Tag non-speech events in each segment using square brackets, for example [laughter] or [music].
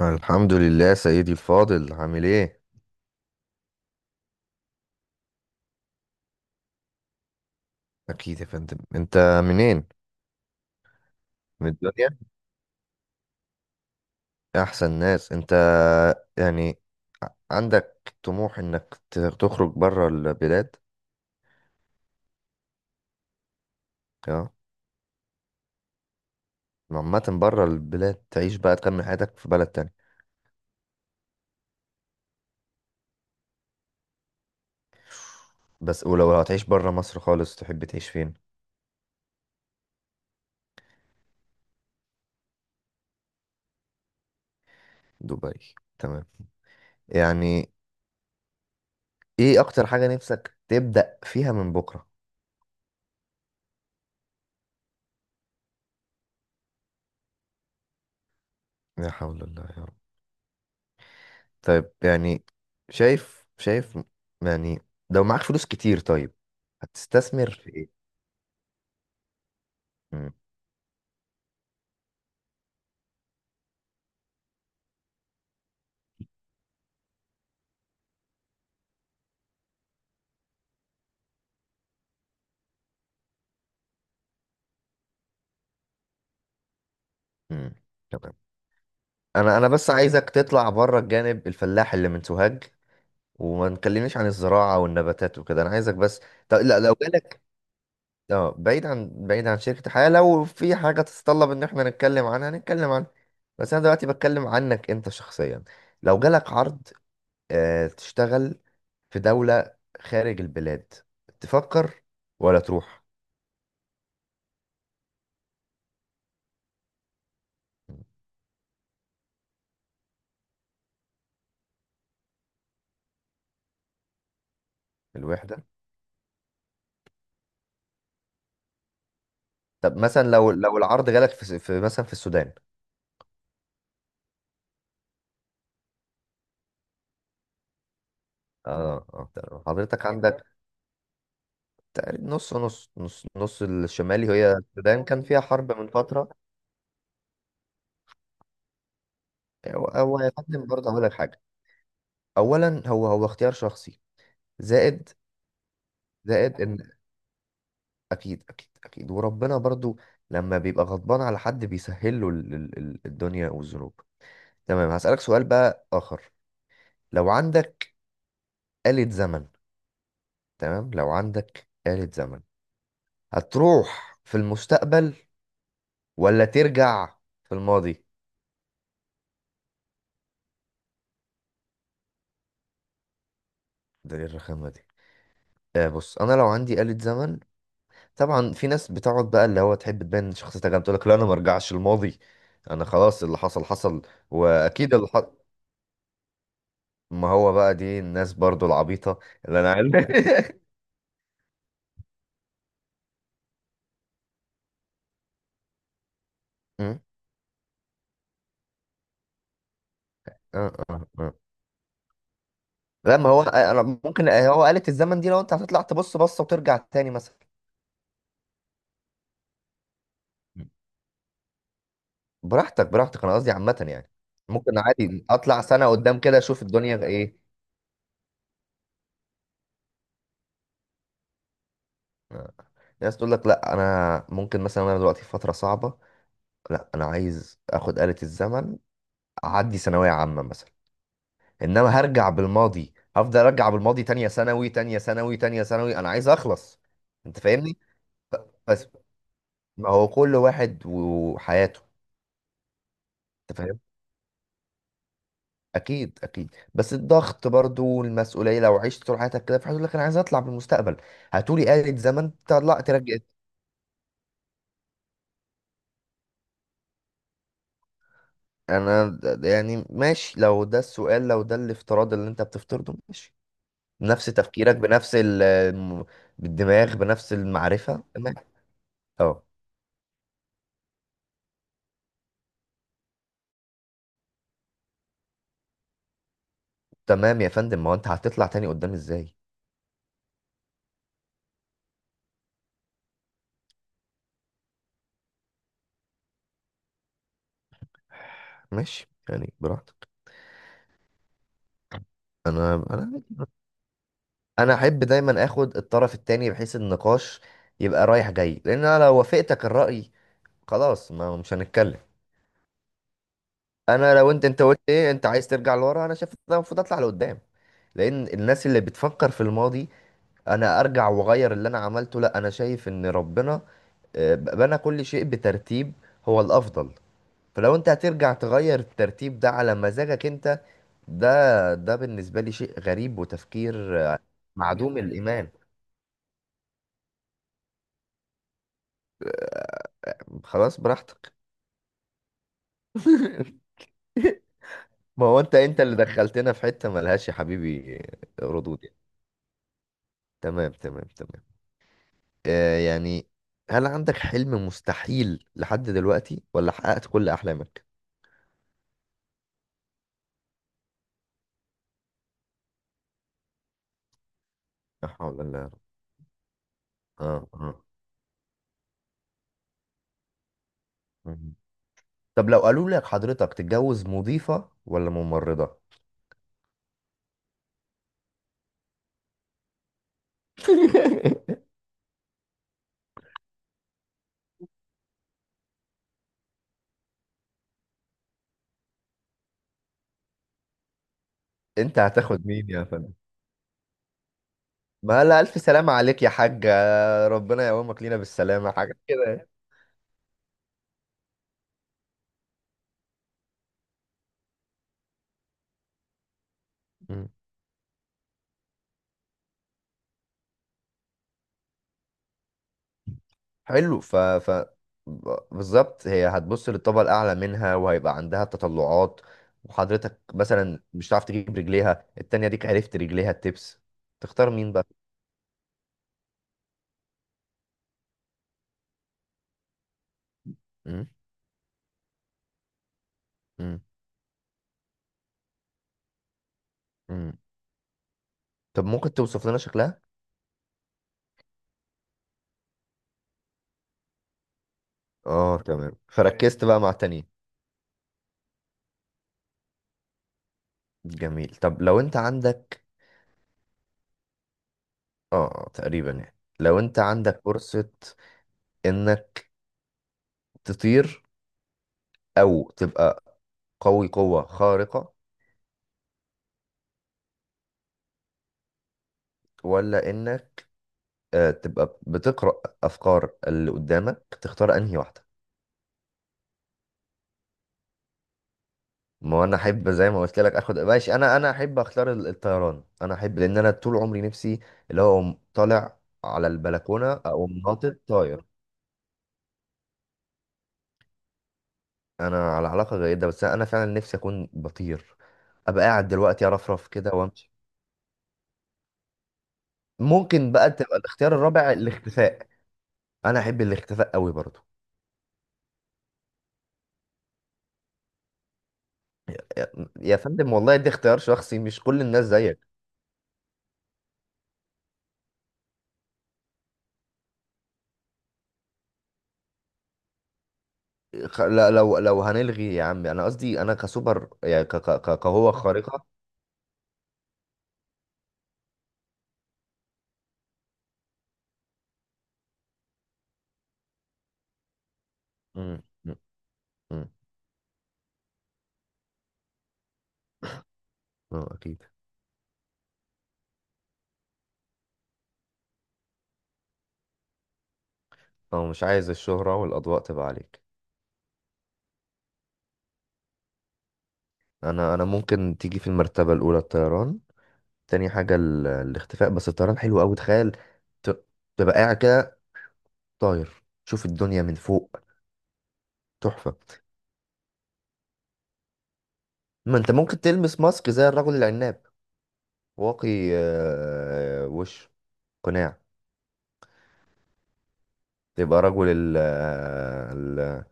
الحمد لله سيدي الفاضل، عامل ايه؟ اكيد يا فندم. انت منين؟ من الدنيا. احسن ناس انت. يعني عندك طموح انك تخرج بره البلاد؟ اه. عامة بره البلاد، تعيش بقى تكمل حياتك في بلد تاني؟ بس ولو هتعيش بره مصر خالص تحب تعيش فين؟ دبي، تمام. يعني ايه اكتر حاجة نفسك تبدأ فيها من بكرة؟ لا حول الله يا رب. طيب يعني شايف. يعني لو معاك فلوس كتير، طيب، هتستثمر في ايه؟ مم. مم. تمام. انا بس عايزك تطلع بره الجانب الفلاح اللي من سوهاج، وما نكلمنيش عن الزراعة والنباتات وكده، انا عايزك بس. طب لا، لو جالك، اه، بعيد عن شركة الحياة، لو في حاجة تتطلب ان احنا نتكلم عنها نتكلم عنها، بس انا دلوقتي بتكلم عنك انت شخصيا. لو جالك عرض تشتغل في دولة خارج البلاد، تفكر ولا تروح؟ الوحدة. طب مثلا لو العرض جالك في، في مثلا في السودان. اه اه تمام. حضرتك عندك تقريبا نص نص الشمالي، هي السودان كان فيها حرب من فترة. هو يا فندم برضه هقول لك حاجة. أولا، هو اختيار شخصي، زائد، زائد إن، أكيد أكيد. وربنا برضه لما بيبقى غضبان على حد بيسهل له الدنيا والذنوب. تمام، هسألك سؤال بقى آخر. لو عندك آلة زمن، تمام، لو عندك آلة زمن، هتروح في المستقبل ولا ترجع في الماضي؟ ده ايه الرخامة دي؟ آه، بص، انا لو عندي آلة زمن، طبعا في ناس بتقعد بقى اللي هو تحب تبان شخصيتها جامدة، تقول لك لا انا ما ارجعش الماضي، انا خلاص اللي حصل حصل. واكيد اللي حصل، ما هو بقى دي الناس برضو العبيطة اللي انا عارف. [laughs] م? آه آه آه. لا ما هو، أنا ممكن، هو آلة الزمن دي لو انت هتطلع تبص بصة وترجع تاني مثلا. براحتك، انا قصدي عامة يعني. ممكن عادي اطلع سنة قدام كده اشوف الدنيا ايه. آه. ناس تقول لك لا انا ممكن مثلا انا دلوقتي في فترة صعبة، لا انا عايز اخد آلة الزمن اعدي ثانوية عامة مثلا. انما هرجع بالماضي، هفضل ارجع بالماضي تانية ثانوي، انا عايز اخلص. انت فاهمني؟ ف- بس، ما هو كل واحد وحياته. انت اكيد بس الضغط برضو والمسؤوليه، لو عشت طول حياتك كده في حاجه لك، انا عايز اطلع بالمستقبل. هتقولي آلة زمن، تطلع ترجع. يعني ماشي، لو ده السؤال لو ده الافتراض اللي انت بتفترضه ماشي، بنفس تفكيرك بنفس بالدماغ بنفس المعرفه، تمام. اه تمام يا فندم، ما هو انت هتطلع تاني قدام ازاي؟ ماشي يعني براحتك. انا انا انا احب دايما اخد الطرف التاني بحيث النقاش يبقى رايح جاي، لان انا لو وافقتك الراي خلاص ما مش هنتكلم. انا لو انت، قلت ايه انت عايز ترجع لورا، انا شايف إن أنا المفروض اطلع لقدام، لان الناس اللي بتفكر في الماضي انا ارجع واغير اللي انا عملته، لا، انا شايف ان ربنا بنى كل شيء بترتيب هو الافضل. فلو انت هترجع تغير الترتيب ده على مزاجك انت، ده ده بالنسبة لي شيء غريب وتفكير معدوم الايمان. خلاص براحتك. ما هو انت اللي دخلتنا في حتة ملهاش يا حبيبي ردود يعني. تمام تمام تمام. آه، يعني هل عندك حلم مستحيل لحد دلوقتي ولا حققت كل احلامك؟ لا حول الله يا رب. اه اه. مم. طب لو قالوا لك حضرتك تتجوز مضيفة ولا ممرضة، انت هتاخد مين يا فندم؟ ما لا، الف سلامة عليك يا حاجة، ربنا يقومك لينا بالسلامة، حاجة كده يعني. مم. حلو. بالظبط، هي هتبص للطبقة الأعلى منها وهيبقى عندها تطلعات، وحضرتك مثلا مش هتعرف تجيب رجليها التانية، ديك عرفت رجليها التبس. تختار مين بقى؟ مم. مم. مم. طب ممكن توصف لنا شكلها؟ اه تمام، فركزت بقى مع تاني. جميل. طب لو انت عندك، اه، تقريبا يعني، لو انت عندك فرصة انك تطير، او تبقى قوي قوة خارقة، ولا انك تبقى بتقرأ افكار اللي قدامك، تختار انهي واحدة؟ ما هو انا احب زي ما قلت لك، اخد ماشي. انا احب اختار الطيران، انا احب لان انا طول عمري نفسي اللي هو أقوم طالع على البلكونة او ناطط طاير. انا على علاقه جيده، بس انا فعلا نفسي اكون بطير، ابقى قاعد دلوقتي ارفرف كده وامشي. ممكن بقى تبقى الاختيار الرابع الاختفاء. انا احب الاختفاء قوي برضو. يا يا فندم والله، ده اختيار شخصي، مش كل الناس زيك. لو هنلغي يا عم، انا قصدي انا كسوبر يعني، كقوه خارقه. مم، مم، مم. اه اكيد. اه، مش عايز الشهره والاضواء تبقى عليك. انا ممكن تيجي في المرتبه الاولى الطيران، تاني حاجه الاختفاء، بس الطيران حلو قوي، تخيل، ت- تبقى قاعد كده طاير تشوف الدنيا من فوق، تحفة. ما انت ممكن تلبس ماسك زي الرجل العناب، واقي، وش، قناع. تبقى رجل ال-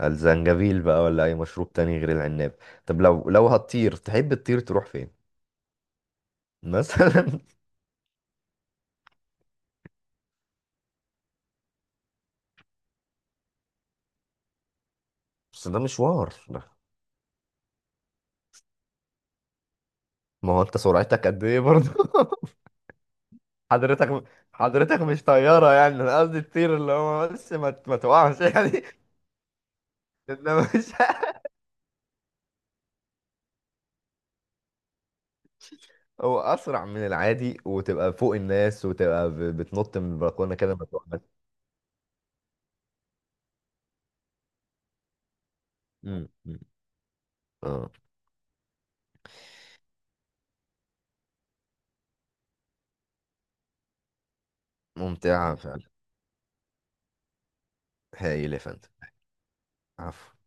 الزنجبيل بقى، ولا اي مشروب تاني غير العناب. طب لو هتطير، تحب تطير تروح فين مثلا؟ [laughs] بس ده مشوار. ما هو انت سرعتك قد ايه برضه؟ [laughs] حضرتك حضرتك مش طيارة يعني، انا قصدي تطير اللي هو بس ما ما تقعش يعني. [laughs] انما مش، هو اسرع من العادي، وتبقى فوق الناس، وتبقى بتنط من البلكونه كده، ما مم، مم. اه. ممتعه فعلا، هايل يا فندم. عفو.